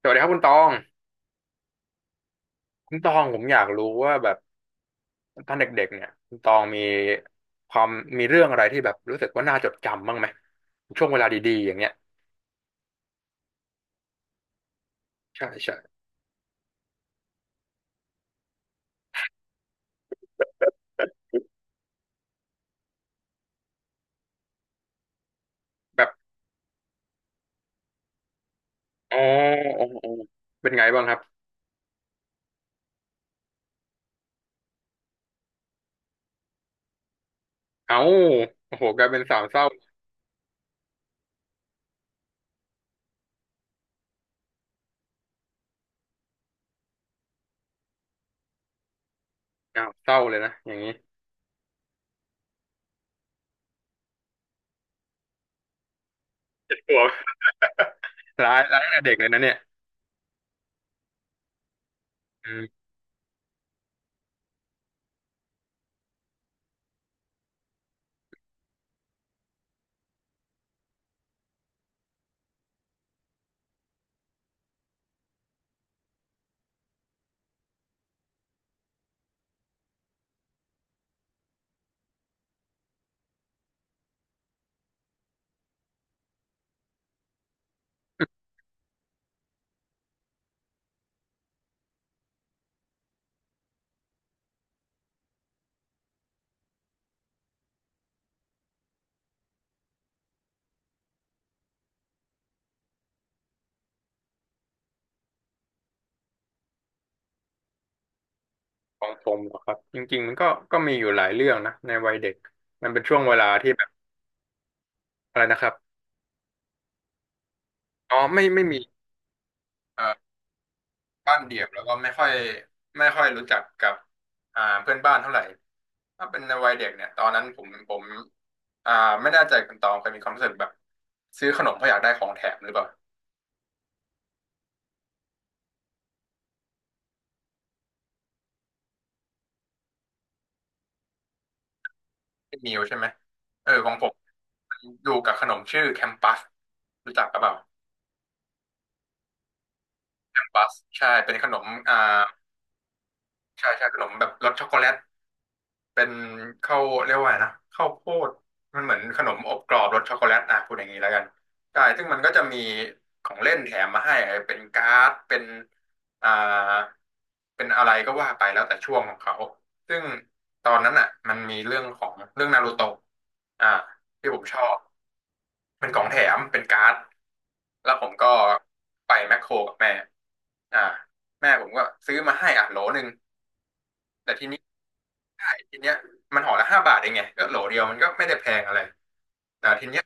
สวัสดีครับคุณตองคุณตองผมอยากรู้ว่าแบบตอนเด็กๆเนี่ยคุณตองมีความมีเรื่องอะไรที่แบบรู้สึกว่าน่าจดจำบ้างไหมช่วงเวลาดีๆอย่างเงี้ยใช่ใช่แบบอ๋ออ๋ออ๋อเป็นไงบ้างครับเอ้าโอ้โหกลายเป็นสาวเศร้าอ้าวเศร้าเลยนะอย่างนี้ตัวร้ายร้ายตั้งแต่เด็กเลยนะเนี่ยอืมของผมเหรอครับจริงๆมันก็มีอยู่หลายเรื่องนะในวัยเด็กมันเป็นช่วงเวลาที่แบบอะไรนะครับอ๋อไม่ไม่มี บ้านเดี่ยวแล้วก็ไม่ค่อยไม่ค่อยรู้จักกับเพื่อนบ้านเท่าไหร่ถ้าเป็นในวัยเด็กเนี่ยตอนนั้นผมอ่าไม่แน่ใจคุณตองเคยมีความรู้สึกแบบซื้อขนมเพราะอยากได้ของแถมหรือเปล่าเป็นมิวใช่ไหมเออของผมดูกับขนมชื่อแคมปัสรู้จักกับเปล่าแคมปัสใช่เป็นขนมใช่ใช่ขนมแบบรสช็อกโกแลต เป็นข้าวเรียกว่าไงนะข้าวโพดมันเหมือนขนมอบกรอบรสช็อกโกแลตอ่ะพูดอย่างนี้แล้วกันใช่ซึ่งมันก็จะมีของเล่นแถมมาให้เป็นการ์ดเป็นอ่าเป็นอะไรก็ว่าไปแล้วแต่ช่วงของเขาซึ่งตอนนั้นอ่ะมันมีเรื่องของเรื่องนารูโตะอ่าที่ผมชอบเป็นของแถมเป็นการ์ดแล้วผมก็ไปแมคโครกับแม่อ่าแม่ผมก็ซื้อมาให้อ่ะโหลหนึ่งแต่ที ทีเนี้ยมันห่อละ5 บาทเองไงก็โหลเดียวมันก็ไม่ได้แพงอะไรแต่ทีเนี้ย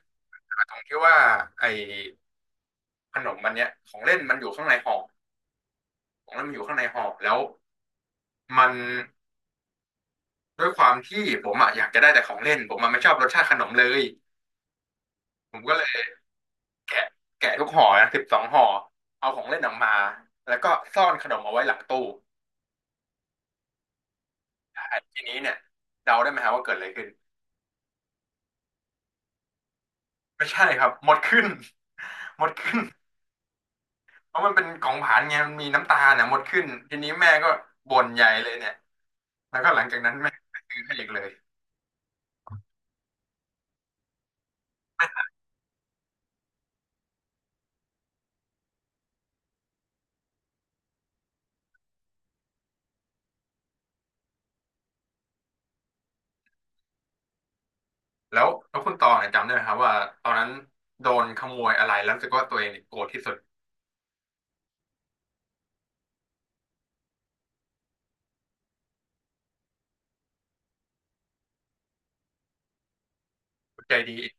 ตรงที่ว่าไอ้ขนมมันเนี้ยของเล่นมันอยู่ข้างในห่อของเล่นมันอยู่ข้างในห่อแล้วมันด้วยความที่ผมอะอยากจะได้แต่ของเล่นผมมันไม่ชอบรสชาติขนมเลยผมก็เลยแกะแกะทุกห่อนะ12 ห่อเอาของเล่นออกมาแล้วก็ซ่อนขนมเอาไว้หลังตู้ทีนี้เนี่ยเดาได้ไหมฮะว่าเกิดอะไรขึ้นไม่ใช่ครับหมดขึ้น หมดขึ้น เพราะมันเป็นของผ่านไงมันมีน้ำตาเนี่ยมดขึ้นทีนี้แม่ก็บ่นใหญ่เลยเนี่ยแล้วก็หลังจากนั้นแม่ก็่ซื้อให้อีกเลยแล้วคุณตองเนี่ยจำได้ไหมครับว่าตอนนั้นโดนขโมยอะไรแล้วรู้สึกว่าตัวเองเนี่ยโกรธที่สุดใจดีอีก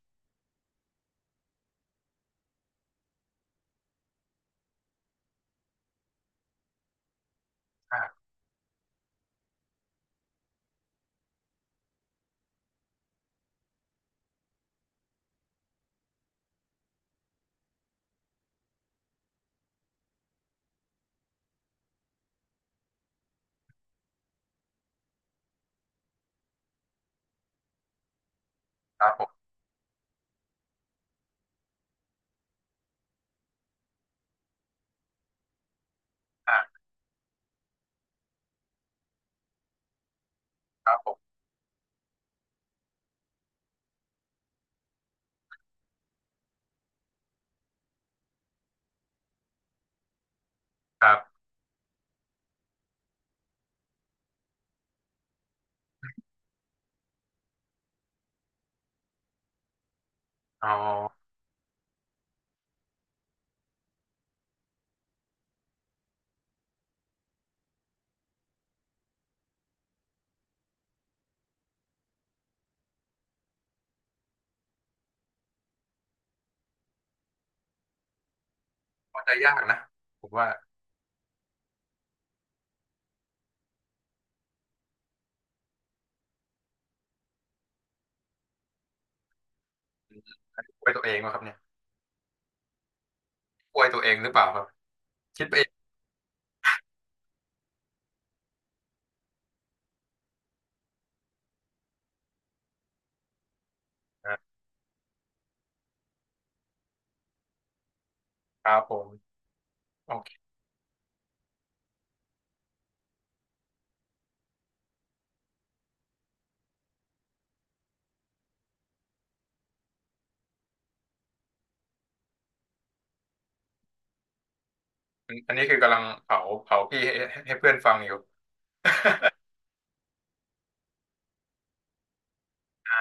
อ่าครับผมอ่าครับผมครับอ๋อเข้าใจยากนะผมว่าอวยตัวเองวะครับเนี่ยอวยตัวเองหรือเปล่าครับคิดไปเองนะครับผมโอเคอันนี้คือกำลังเผาเผาพี่ให้เพื่อนฟังอยู่อ่า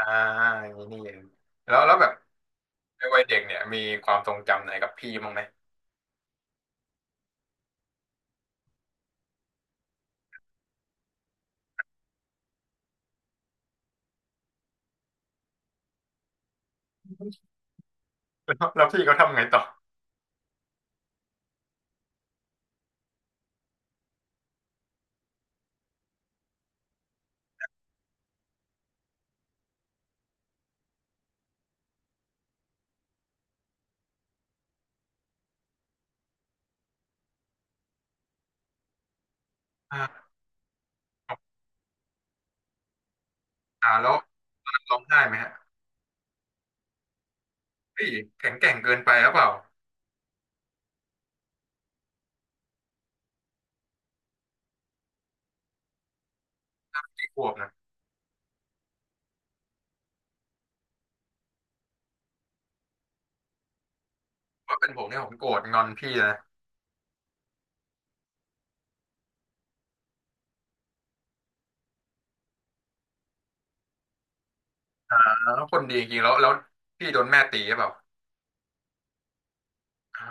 อย่างนี้นี่เองแล้วแบบ ในวัยเด็กเนี่ยมีความทรงจำไหนกับพี่บ้างไหมแล้วพี่เขาทำไงต่ออ่าแล้วร้องไห้ไหมฮะพี้ยแข็งแกร่งเกินไปหรือเปล่าพี่ขวบนะว่าเป็นผมเนี่ยผมโกรธงอนพี่นะแล้วคนดีจริงๆแล้วพี่โดนแม่ตีหรือเปล่าอ่า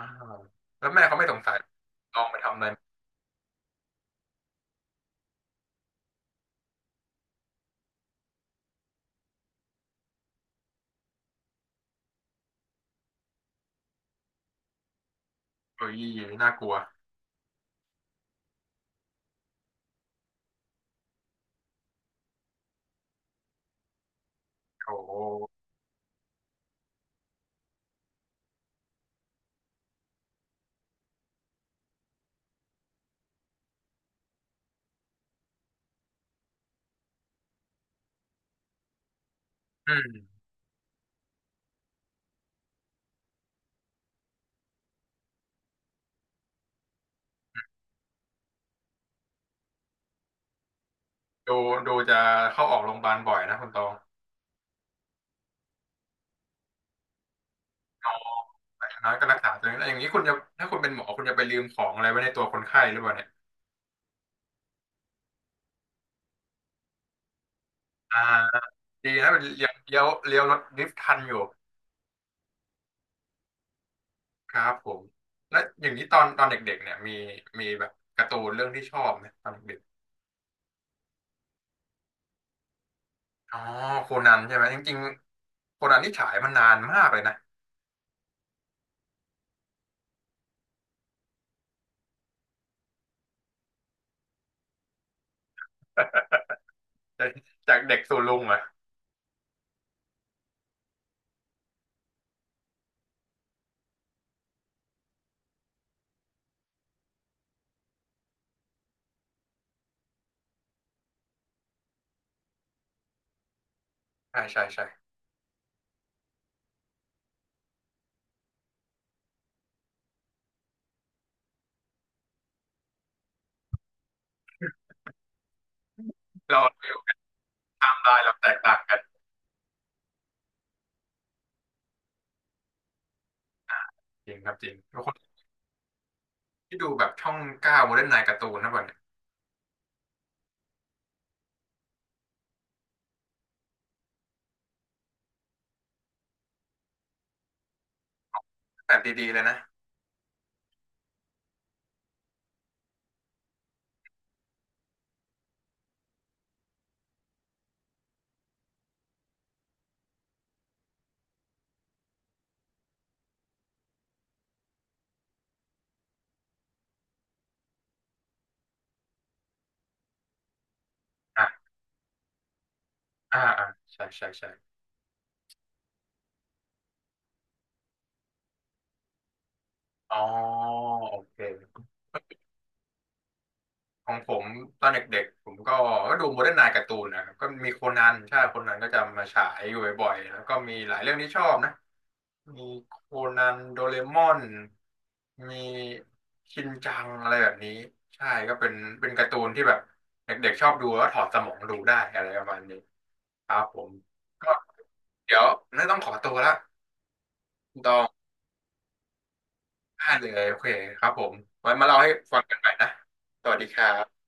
แล้วแม่เขาไม่สงสัยลองไปทำอะไรเฮ้ยน่ากลัวโอ้โหอืมดูดูจะเข้าออกโรงพยาบาลบ่อยนะคุณตองนอนยงน้อยก็รักษาตัวเองแล้วอย่างนี้คุณจะถ้าคุณเป็นหมอคุณจะไปลืมของอะไรไว้ในตัวคนไข้หรือเปล่าเนี่ยอ่า ดีนะเป็นเลี้ยวเลี้ยวเลี้ยวรถดริฟท์ทันอยู่ครับผมแล้วอย่างนี้ตอนเด็กๆเนี่ยมีแบบการ์ตูนเรื่องที่ชอบไหมตอนเด็กๆอ๋อโคนันใช่ไหมจริงๆโคนันที่ฉายมานานมากเลยนะจากจากเด็กสู่ลุงเหรอใช่ใช่ใช่เราทำลายเราแตกต่างกันจริงครับจริงทุกคนที่ดูแบบช่อง 9โมเดิร์นไนน์การ์ตูนนะบ่เนี่ยแบบดีๆเลยนะอ่ะอ่าอ่าใช่ใช่ใช่อ๋อโอเค ของผมตอนเด็กๆผมก็ดูโมเดิร์นไนน์การ์ตูนนะครับก็มีโคนันใช่โคนันก็จะมาฉายอยู่บ่อยๆแล้วก็มีหลายเรื่องที่ชอบนะมีโคนันโดเรมอนมีชินจังอะไรแบบนี้ใช่ก็เป็นการ์ตูนที่แบบเด็กๆชอบดูแล้วถอดสมองดูได้อะไรประมาณนี้ครับผมก็เดี๋ยวน่าต้องขอตัวละต้องไดาดเลยโอเคครับผมไว้มาเล่าให้ฟังกันใหม่นะสวัสดีครับ